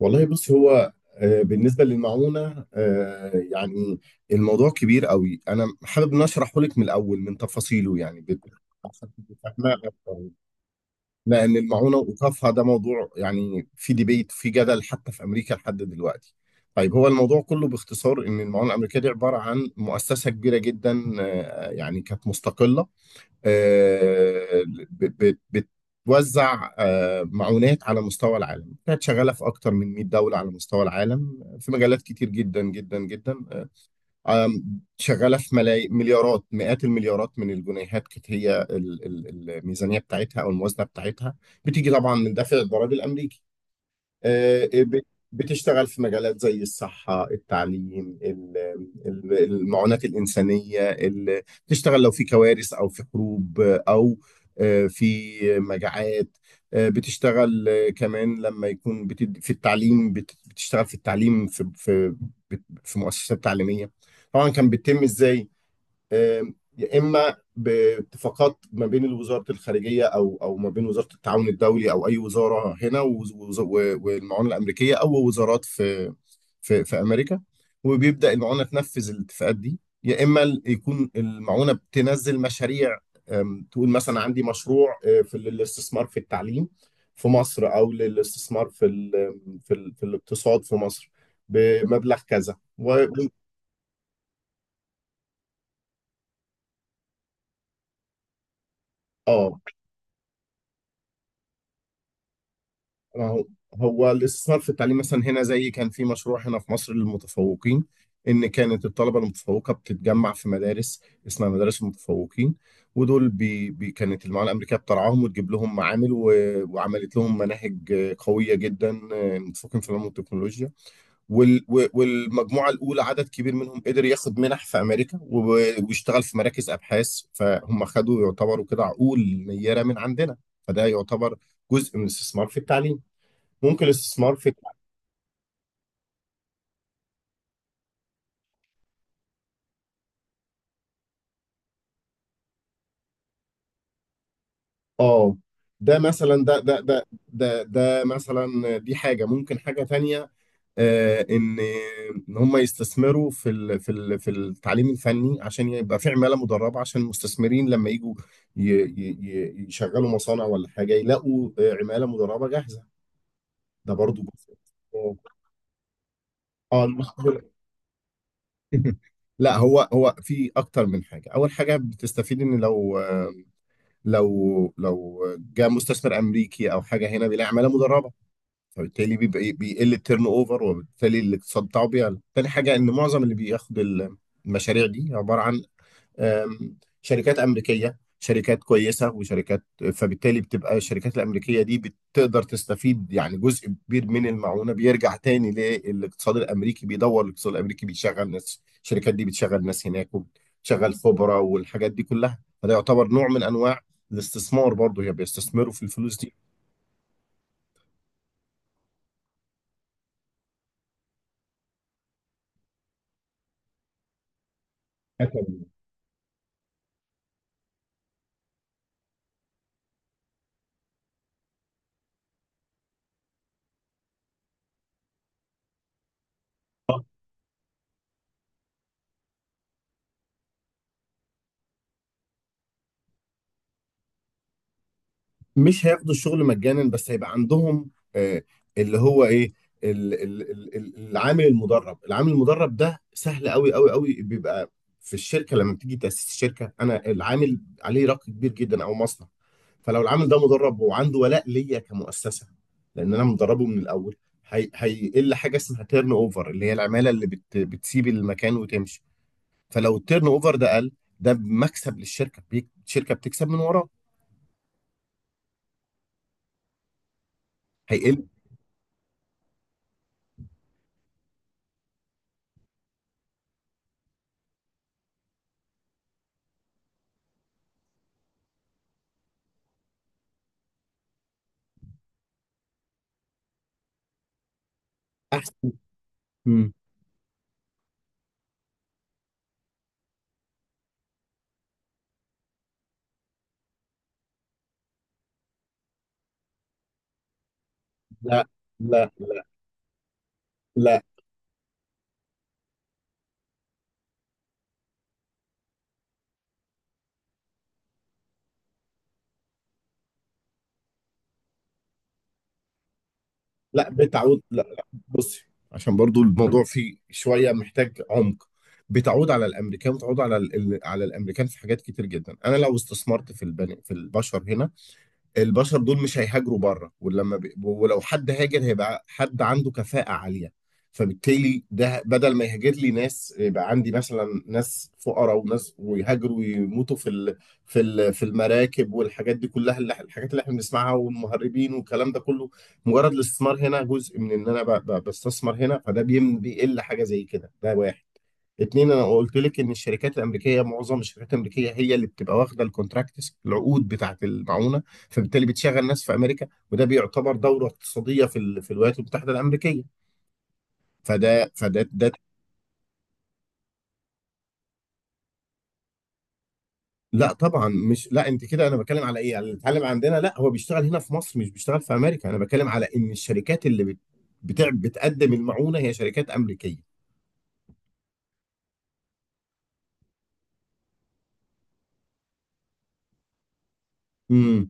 والله بص هو، بالنسبة للمعونة، يعني الموضوع كبير قوي. أنا حابب إن أشرحه لك من الأول من تفاصيله، يعني عشان تبقي فاهمة أكتر. لأن المعونة وإيقافها ده موضوع، يعني في ديبيت، في جدل، حتى في أمريكا لحد دلوقتي. طيب، هو الموضوع كله باختصار إن المعونة الأمريكية دي عبارة عن مؤسسة كبيرة جدا، يعني كانت مستقلة. آه، ب- ب- بتوزع معونات على مستوى العالم، كانت شغالة في أكتر من 100 دولة على مستوى العالم، في مجالات كتير جدا جدا جدا. شغالة في مليارات، مئات المليارات من الجنيهات. كانت هي الميزانية بتاعتها أو الموازنة بتاعتها، بتيجي طبعا من دافع الضرائب الأمريكي. آه، بت- بتشتغل في مجالات زي الصحة، التعليم، ال- المعونات الإنسانية. بتشتغل لو في كوارث أو في حروب، أو في مجاعات. بتشتغل كمان لما يكون في التعليم، بتشتغل في التعليم، في في مؤسسات تعليمية. طبعا كان بيتم ازاي؟ يا اما باتفاقات ما بين وزاره الخارجيه او ما بين وزاره التعاون الدولي، او اي وزاره هنا، و والمعونه الامريكيه، او وزارات في في امريكا. وبيبدا المعونه تنفذ الاتفاقات دي، يا اما يكون المعونه بتنزل مشاريع. تقول مثلا عندي مشروع، في الاستثمار في التعليم في مصر، او للاستثمار في الاقتصاد في مصر، بمبلغ كذا و... اه، ما هو الاستثمار في التعليم مثلا هنا، زي كان في مشروع هنا في مصر للمتفوقين، ان كانت الطلبه المتفوقه بتتجمع في مدارس اسمها مدارس المتفوقين. ودول بي بي كانت المعاليه الامريكيه بترعاهم، وتجيب لهم معامل و... وعملت لهم مناهج قويه جدا، متفوقين في العلوم والتكنولوجيا. والمجموعه الاولى عدد كبير منهم قدر ياخد منح في امريكا و... ويشتغل في مراكز ابحاث، فهم خدوا، يعتبروا كده عقول نيره من عندنا. فده يعتبر جزء من الاستثمار في التعليم. ممكن الاستثمار في... اه، ده مثلا ده ده ده ده ده مثلا دي حاجة، ممكن حاجة تانية. ان هم يستثمروا في ال في ال في التعليم الفني، عشان يبقى في عمالة مدربة، عشان المستثمرين لما يجوا يشغلوا مصانع ولا حاجة، يلاقوا عمالة مدربة جاهزة. ده برضو جزء. اه، لا، هو في اكتر من حاجة. اول حاجة بتستفيد ان لو، لو جاء مستثمر امريكي او حاجه هنا، بيلاقي عماله مدربه، فبالتالي بيبقى إيه، بيقل التيرن اوفر، وبالتالي الاقتصاد بتاعه بيعلى. تاني حاجه، ان معظم اللي بياخد المشاريع دي عباره عن آم، شركات أمريكية، شركات كويسة، وشركات. فبالتالي بتبقى الشركات الأمريكية دي بتقدر تستفيد. يعني جزء كبير من المعونة بيرجع تاني للاقتصاد الأمريكي، بيدور الاقتصاد الأمريكي، بيشغل ناس. الشركات دي بتشغل ناس هناك، وبتشغل خبرة، والحاجات دي كلها. فده يعتبر نوع من أنواع الاستثمار برضه، هي بيستثمروا في الفلوس دي. مش هياخدوا الشغل مجانا، بس هيبقى عندهم، اللي هو ايه، العامل المدرب. ده سهل قوي قوي قوي، بيبقى في الشركه لما بتيجي تاسيس الشركه، انا العامل عليه رق كبير جدا، او مصنع. فلو العامل ده مدرب وعنده ولاء ليا كمؤسسه، لان انا مدربه من الاول، هيقل حاجه اسمها تيرن اوفر، اللي هي العماله اللي بتسيب المكان وتمشي. فلو التيرن اوفر ده قل، ده مكسب للشركه، الشركه بتكسب من وراه. هيقل احسن. لا، لا، لا، لا، لا، بتعود. لا، لا، بصي، عشان برضو الموضوع فيه شوية محتاج عمق. بتعود على الامريكان، وتعود على على الامريكان في حاجات كتير جدا. انا لو استثمرت في البني في البشر هنا، البشر دول مش هيهاجروا بره. ولو حد هاجر هيبقى حد عنده كفاءة عالية، فبالتالي ده بدل ما يهاجر لي ناس، يبقى عندي مثلا ناس فقراء وناس، ويهاجروا ويموتوا في المراكب والحاجات دي كلها، الحاجات اللي احنا بنسمعها، والمهربين والكلام ده كله. مجرد الاستثمار هنا جزء من ان انا بستثمر هنا، فده بيقل حاجة زي كده. ده واحد. اتنين، انا قلت لك ان الشركات الامريكيه، معظم الشركات الامريكيه هي اللي بتبقى واخده الكونتراكتس، العقود بتاعه المعونه. فبالتالي بتشغل ناس في امريكا، وده بيعتبر دوره اقتصاديه في الولايات المتحده الامريكيه. فده فده ده لا، طبعا مش... لا، انت كده. انا بتكلم على ايه، على اللي اتعلم عندنا. لا، هو بيشتغل هنا في مصر مش بيشتغل في امريكا. انا بتكلم على ان الشركات اللي بتقدم المعونه هي شركات امريكيه. امم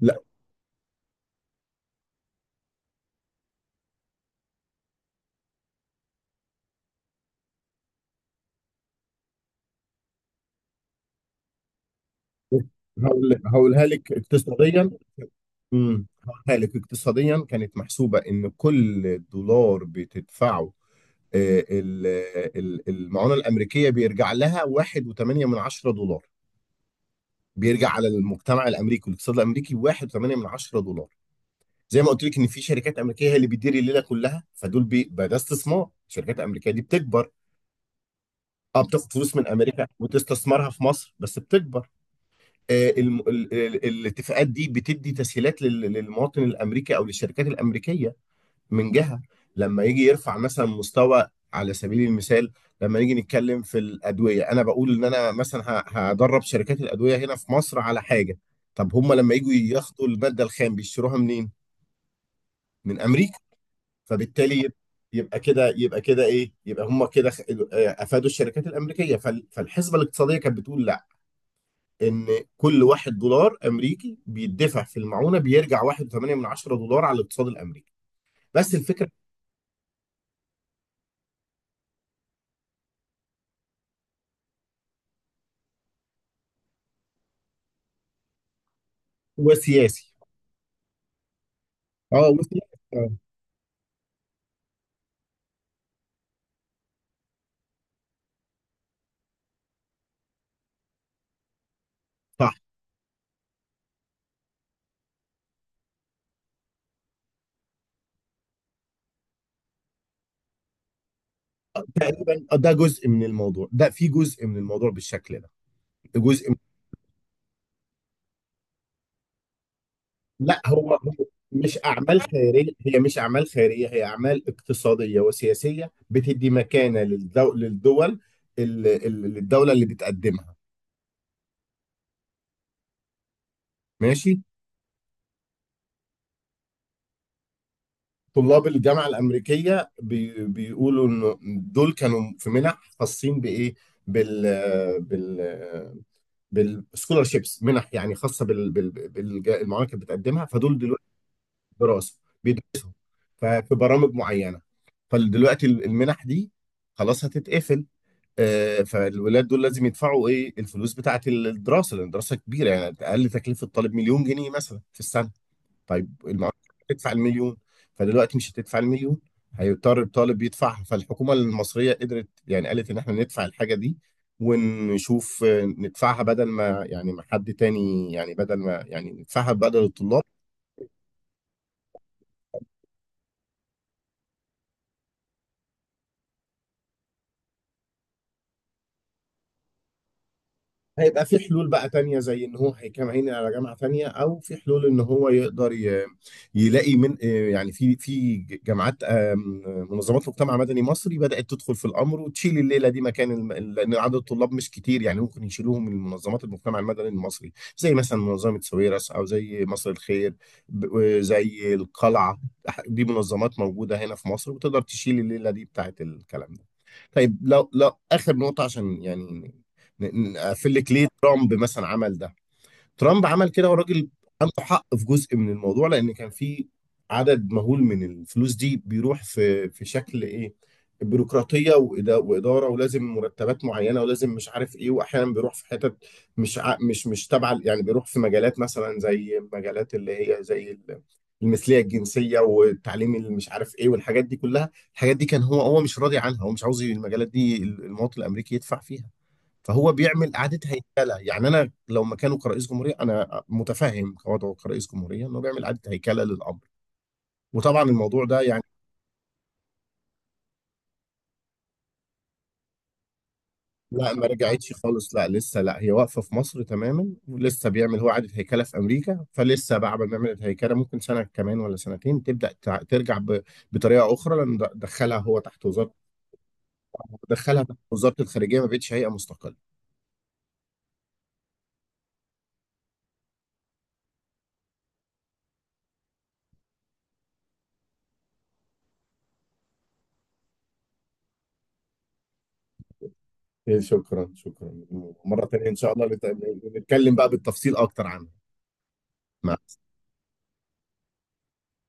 لا، هقولها لك اقتصاديا. امم هقولها لك اقتصاديا. كانت محسوبه، ان كل دولار بتدفعه آه، ال- المعونه الامريكيه، بيرجع لها 1.8 من 10 دولار. بيرجع على المجتمع الامريكي والاقتصاد الامريكي 1.8 من 10 دولار. زي ما قلت لك، ان في شركات امريكيه هي اللي بتدير الليله كلها، فدول بقى ده استثمار، الشركات الامريكيه دي بتكبر. اه، بتاخد فلوس من امريكا وتستثمرها في مصر، بس بتكبر. الاتفاقات دي بتدي تسهيلات للمواطن الامريكي، او للشركات الامريكيه، من جهة. لما يجي يرفع مثلا مستوى، على سبيل المثال، لما نيجي نتكلم في الأدوية، أنا بقول إن أنا مثلا هدرب شركات الأدوية هنا في مصر على حاجة. طب هم لما يجوا ياخدوا المادة الخام بيشتروها منين؟ من أمريكا. فبالتالي يبقى كده، إيه؟ يبقى هم كده أفادوا الشركات الأمريكية. فالحسبة الاقتصادية كانت بتقول، لا، إن كل واحد دولار أمريكي بيدفع في المعونة، بيرجع 1.8 من 10 دولار على الاقتصاد الأمريكي. بس الفكرة، هو سياسي. اه، وسياسي. صح. تقريبا، ده جزء من الموضوع، ده في جزء من الموضوع بالشكل ده، ده جزء من... لا، هو مش اعمال خيريه، هي مش اعمال خيريه، هي اعمال اقتصاديه وسياسيه، بتدي مكانه للدول، للدوله اللي بتقدمها. ماشي. طلاب الجامعه الامريكيه بيقولوا انه دول كانوا في منح، خاصين بايه، بال بال بالسكولارشيبس، منح يعني خاصه المعامل اللي كانت بتقدمها، فدول دلوقتي. دراسه. ففي برامج معينه، فدلوقتي المنح دي خلاص هتتقفل. فالولاد دول لازم يدفعوا ايه الفلوس بتاعت الدراسه، لان الدراسه كبيره يعني، اقل تكلفه الطالب مليون جنيه مثلا في السنه. طيب، المعلم هتدفع المليون، فدلوقتي مش هتدفع المليون، هيضطر الطالب يدفعها. فالحكومه المصريه قدرت، يعني قالت ان احنا ندفع الحاجه دي ونشوف، ندفعها، بدل ما يعني ما حد تاني، يعني بدل ما، يعني ندفعها بدل الطلاب. هيبقى في حلول بقى تانية، زي ان هو هيكمل على جامعة تانية، او في حلول ان هو يقدر يلاقي من، يعني في جامعات، منظمات مجتمع مدني مصري بدأت تدخل في الامر وتشيل الليلة دي مكان لان عدد الطلاب مش كتير، يعني ممكن يشيلوهم من منظمات المجتمع المدني المصري، زي مثلا منظمة سويرس، او زي مصر الخير، زي القلعة. دي منظمات موجودة هنا في مصر، وتقدر تشيل الليلة دي بتاعت الكلام ده. طيب، لو اخر نقطة، عشان يعني نقفل لك ليه ترامب مثلا عمل ده. ترامب عمل كده، والراجل عنده حق في جزء من الموضوع، لان كان في عدد مهول من الفلوس دي بيروح في شكل ايه، بيروقراطيه، واداره، ولازم مرتبات معينه، ولازم مش عارف ايه، واحيانا بيروح في حتت مش ع- مش مش تبع، يعني بيروح في مجالات مثلا، زي مجالات اللي هي زي المثليه الجنسيه، والتعليم اللي مش عارف ايه، والحاجات دي كلها. الحاجات دي كان هو مش راضي عنها، هو مش عاوز المجالات دي المواطن الامريكي يدفع فيها. فهو بيعمل اعاده هيكله. يعني انا لو مكانه كرئيس جمهوريه، انا متفهم وضعه كرئيس جمهوريه، انه بيعمل اعاده هيكله للامر. وطبعا الموضوع ده يعني... لا، ما رجعتش خالص. لا، لسه. لا، هي واقفه في مصر تماما، ولسه بيعمل هو اعاده هيكله في امريكا. فلسه بعد ما نعمل الهيكله ممكن سنه كمان ولا سنتين، تبدا ترجع بطريقه اخرى. لان دخلها هو تحت وزاره، دخلها تحت وزاره الخارجيه، ما بقتش هيئه مستقله. إيه، شكرا شكرا. مره تانيه ان شاء الله نتكلم بقى بالتفصيل اكتر عنها.